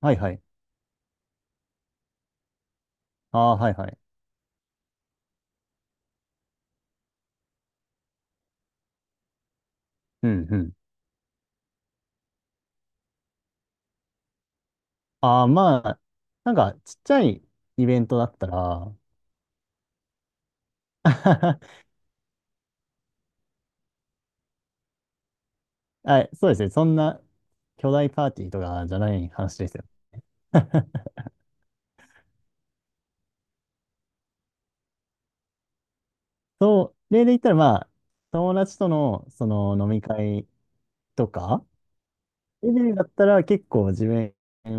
はいはい。ああ、はいはい。うんうん。ああ、まあ、なんか、ちっちゃいイベントだったら、あ、そうですね。そんな巨大パーティーとかじゃない話ですよ。そう、例で言ったら、まあ、友達との、その飲み会とか、レベルだったら結構自分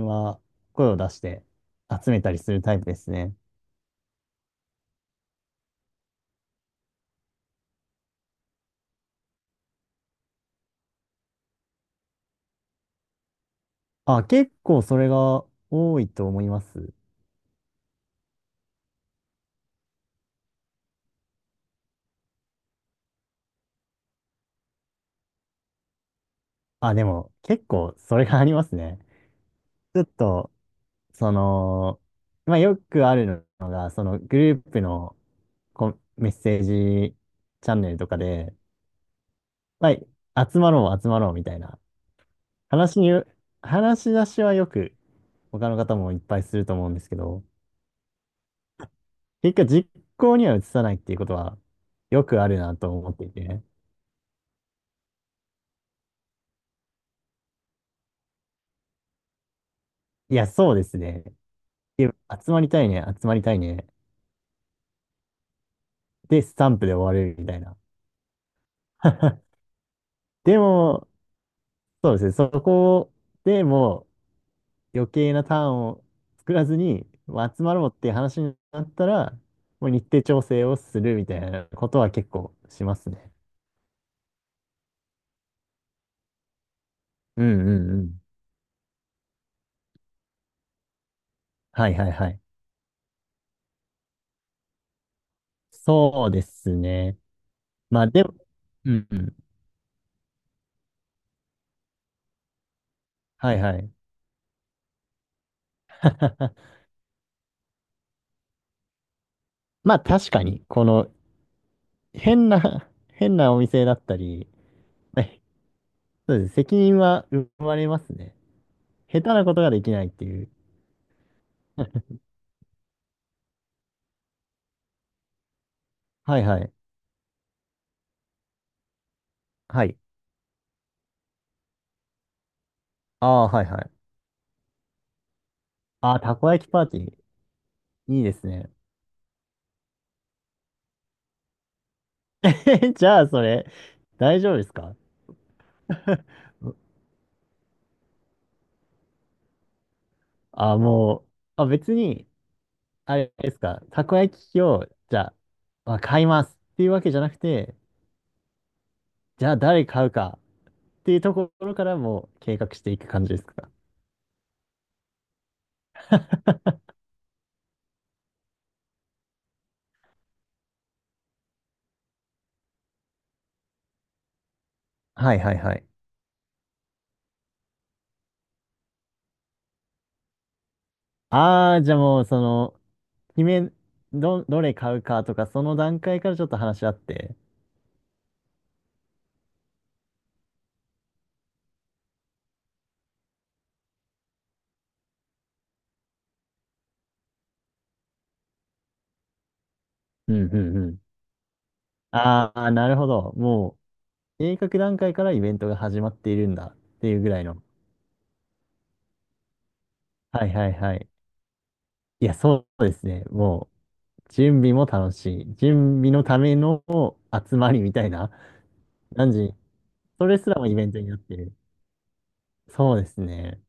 は声を出して集めたりするタイプですね。あ、結構それが多いと思います。あ、でも結構それがありますね。ちょっと、その、まあ、よくあるのが、そのグループのコンメッセージチャンネルとかで、まあ、集まろう、集まろうみたいな話に、話し出しはよく他の方もいっぱいすると思うんですけど、結果実行には移さないっていうことはよくあるなと思っていて、いや、そうですね。いや集まりたいね、集まりたいね。で、スタンプで終わるみたいな。でも、そうですね、そこでも、余計なターンを作らずに、まあ集まろうっていう話になったら、もう日程調整をするみたいなことは結構しますね。うんうんうん。はいはいはい。そうですね。まあでも、うんうん。はいはい。まあ確かに、この変なお店だったり、まあそうです。責任は生まれますね。下手なことができないっていう。はいはい。はい。ああ、はいはい。ああ、たこ焼きパーティー。いいですね。え じゃあ、それ、大丈夫ですか。あ、もう、あ、別に、あれですか、たこ焼き器を、じゃあ、まあ、買いますっていうわけじゃなくて、じゃあ、誰買うかっていうところからもう計画していく感じですか。はいはいはい。ああ、じゃあもう、その、決め、ど、どれ買うかとか、その段階からちょっと話し合って。うんうんうん。ああ、なるほど。もう、計画段階からイベントが始まっているんだっていうぐらいの。はいはいはい。いや、そうですね。もう、準備も楽しい。準備のための集まりみたいな。何時、それすらもイベントになってる。そうですね。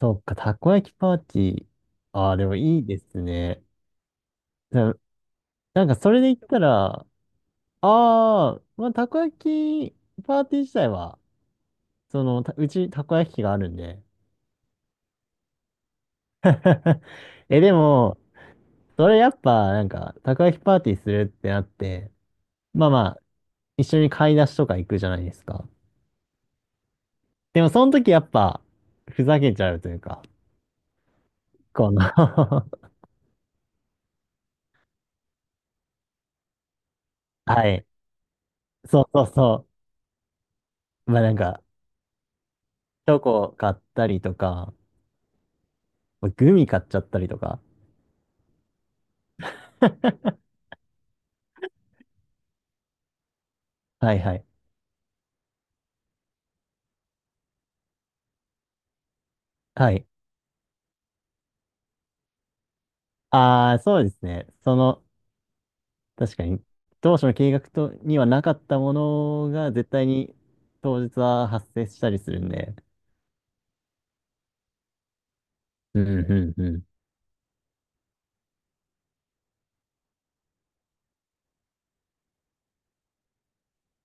そっか、たこ焼きパーティー。ああ、でもいいですね。な、なんかそれで言ったら、ああ、まあ、たこ焼きパーティー自体は、その、たうちたこ焼き器があるんで。え、でも、それやっぱ、なんか、たこ焼きパーティーするってなって、まあまあ、一緒に買い出しとか行くじゃないですか。でも、その時やっぱ、ふざけちゃうというか、この はい。そうそうそう。まあなんか、チョコ買ったりとか、グミ買っちゃったりとか。はいはい。はい。ああ、そうですね。その、確かに、当初の計画とにはなかったものが、絶対に当日は発生したりするんで。うんうんうん。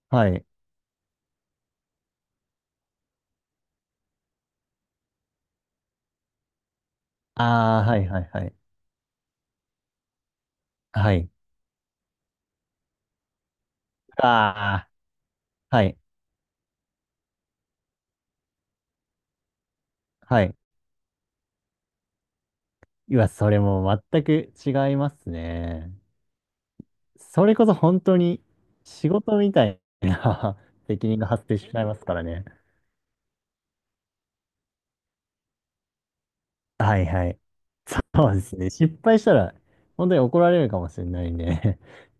はい。ああ、はいはいはい。はい。ああ、はい。はい。いや、それもう全く違いますね。それこそ本当に仕事みたいな 責任が発生しちゃいますからね。はいはい。そうですね。失敗したら本当に怒られるかもしれないんで。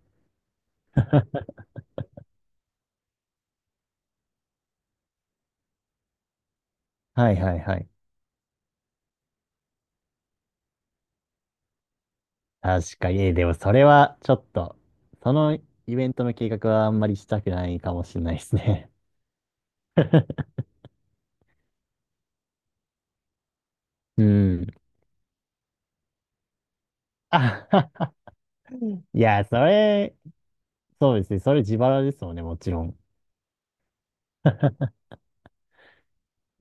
はいはいはい。確かに。えでもそれはちょっと、そのイベントの計画はあんまりしたくないかもしれないですね。うん。あはは いや、それ、そうですね。それ自腹ですもんね、もちろん。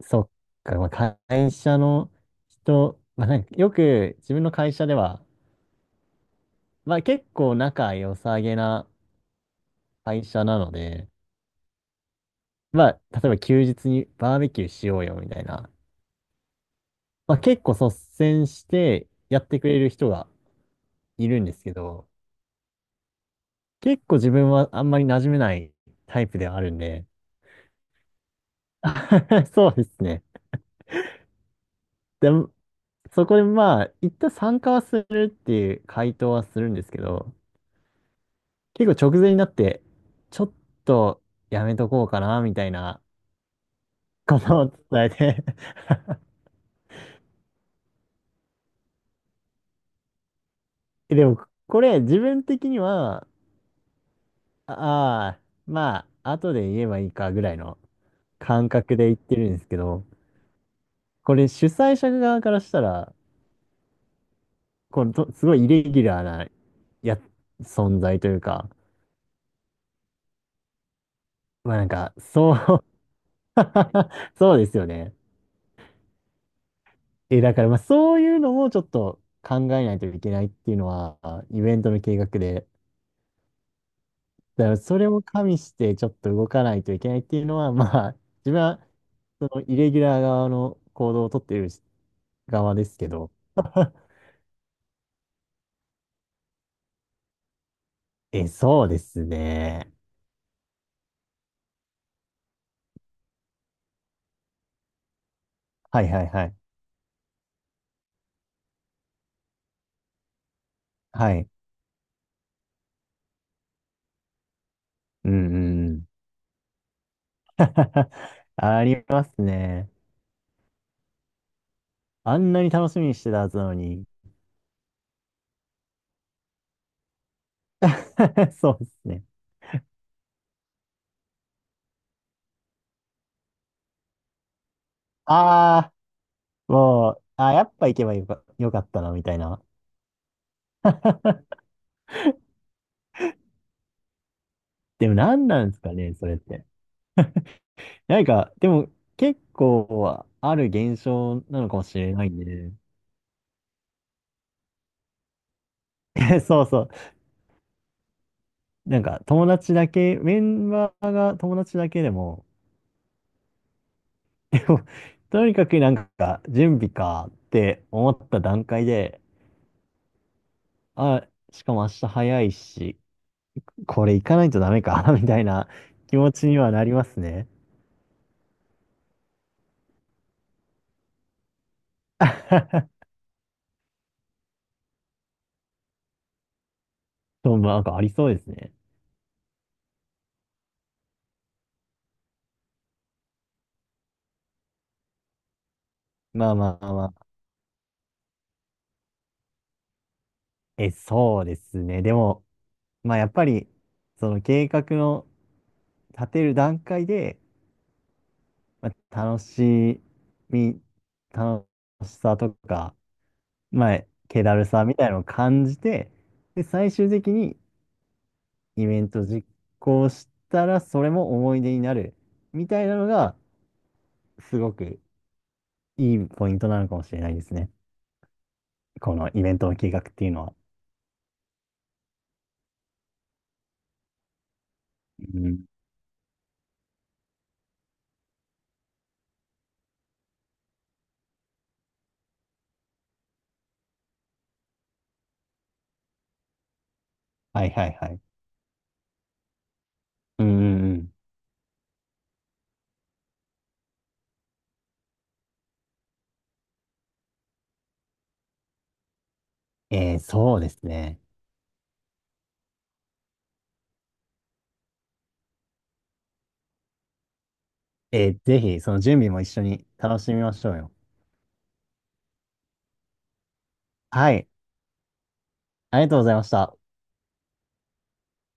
そっか、まあ、会社の人、まあ、なんかよく自分の会社では、まあ、結構仲良さげな会社なので、まあ、例えば休日にバーベキューしようよみたいな、まあ、結構率先してやってくれる人がいるんですけど、結構自分はあんまり馴染めないタイプではあるんで、そうですね。でも、そこでまあ、一旦参加はするっていう回答はするんですけど、結構直前になって、ちょっとやめとこうかな、みたいなことを伝えて。 えでも、これ自分的には、ああー、まあ、後で言えばいいかぐらいの感覚で言ってるんですけど、これ主催者側からしたら、このと、すごいイレギュラーなや、存在というか、まあなんか、そう。 そうですよね。え、だからまあそういうのもちょっと考えないといけないっていうのは、イベントの計画で、だからそれも加味してちょっと動かないといけないっていうのは、まあ、自分はそのイレギュラー側の行動をとっている側ですけど。え、そうですね。はいはいはい。はい。うんうんうん。ありますね。あんなに楽しみにしてたはずなのに。そうですね。ああ、もう、あー、やっぱ行けばよか、よかったな、みたいな。でも何なんですかね、それって。なんか、でも結構ある現象なのかもしれないんで、そうそう。なんか友達だけ、メンバーが友達だけでも、でもとにかくなんか準備かって思った段階で、あ、しかも明日早いし、これ行かないとダメか、みたいな気持ちにはなりますね。そう、まあなんかありそうですね。まあまあまあ。え、そうですね。でも、まあやっぱり、その計画の立てる段階で、まあ、楽しみ、楽しさとか、まあ、気だるさみたいなのを感じて、で、最終的にイベント実行したら、それも思い出になる、みたいなのが、すごくいいポイントなのかもしれないですね。このイベントの計画っていうのは。うん。はいはいはい。うんうんうん。えー、そうですね。えー、ぜひ、その準備も一緒に楽しみましょうよ。はい。ありがとうございました。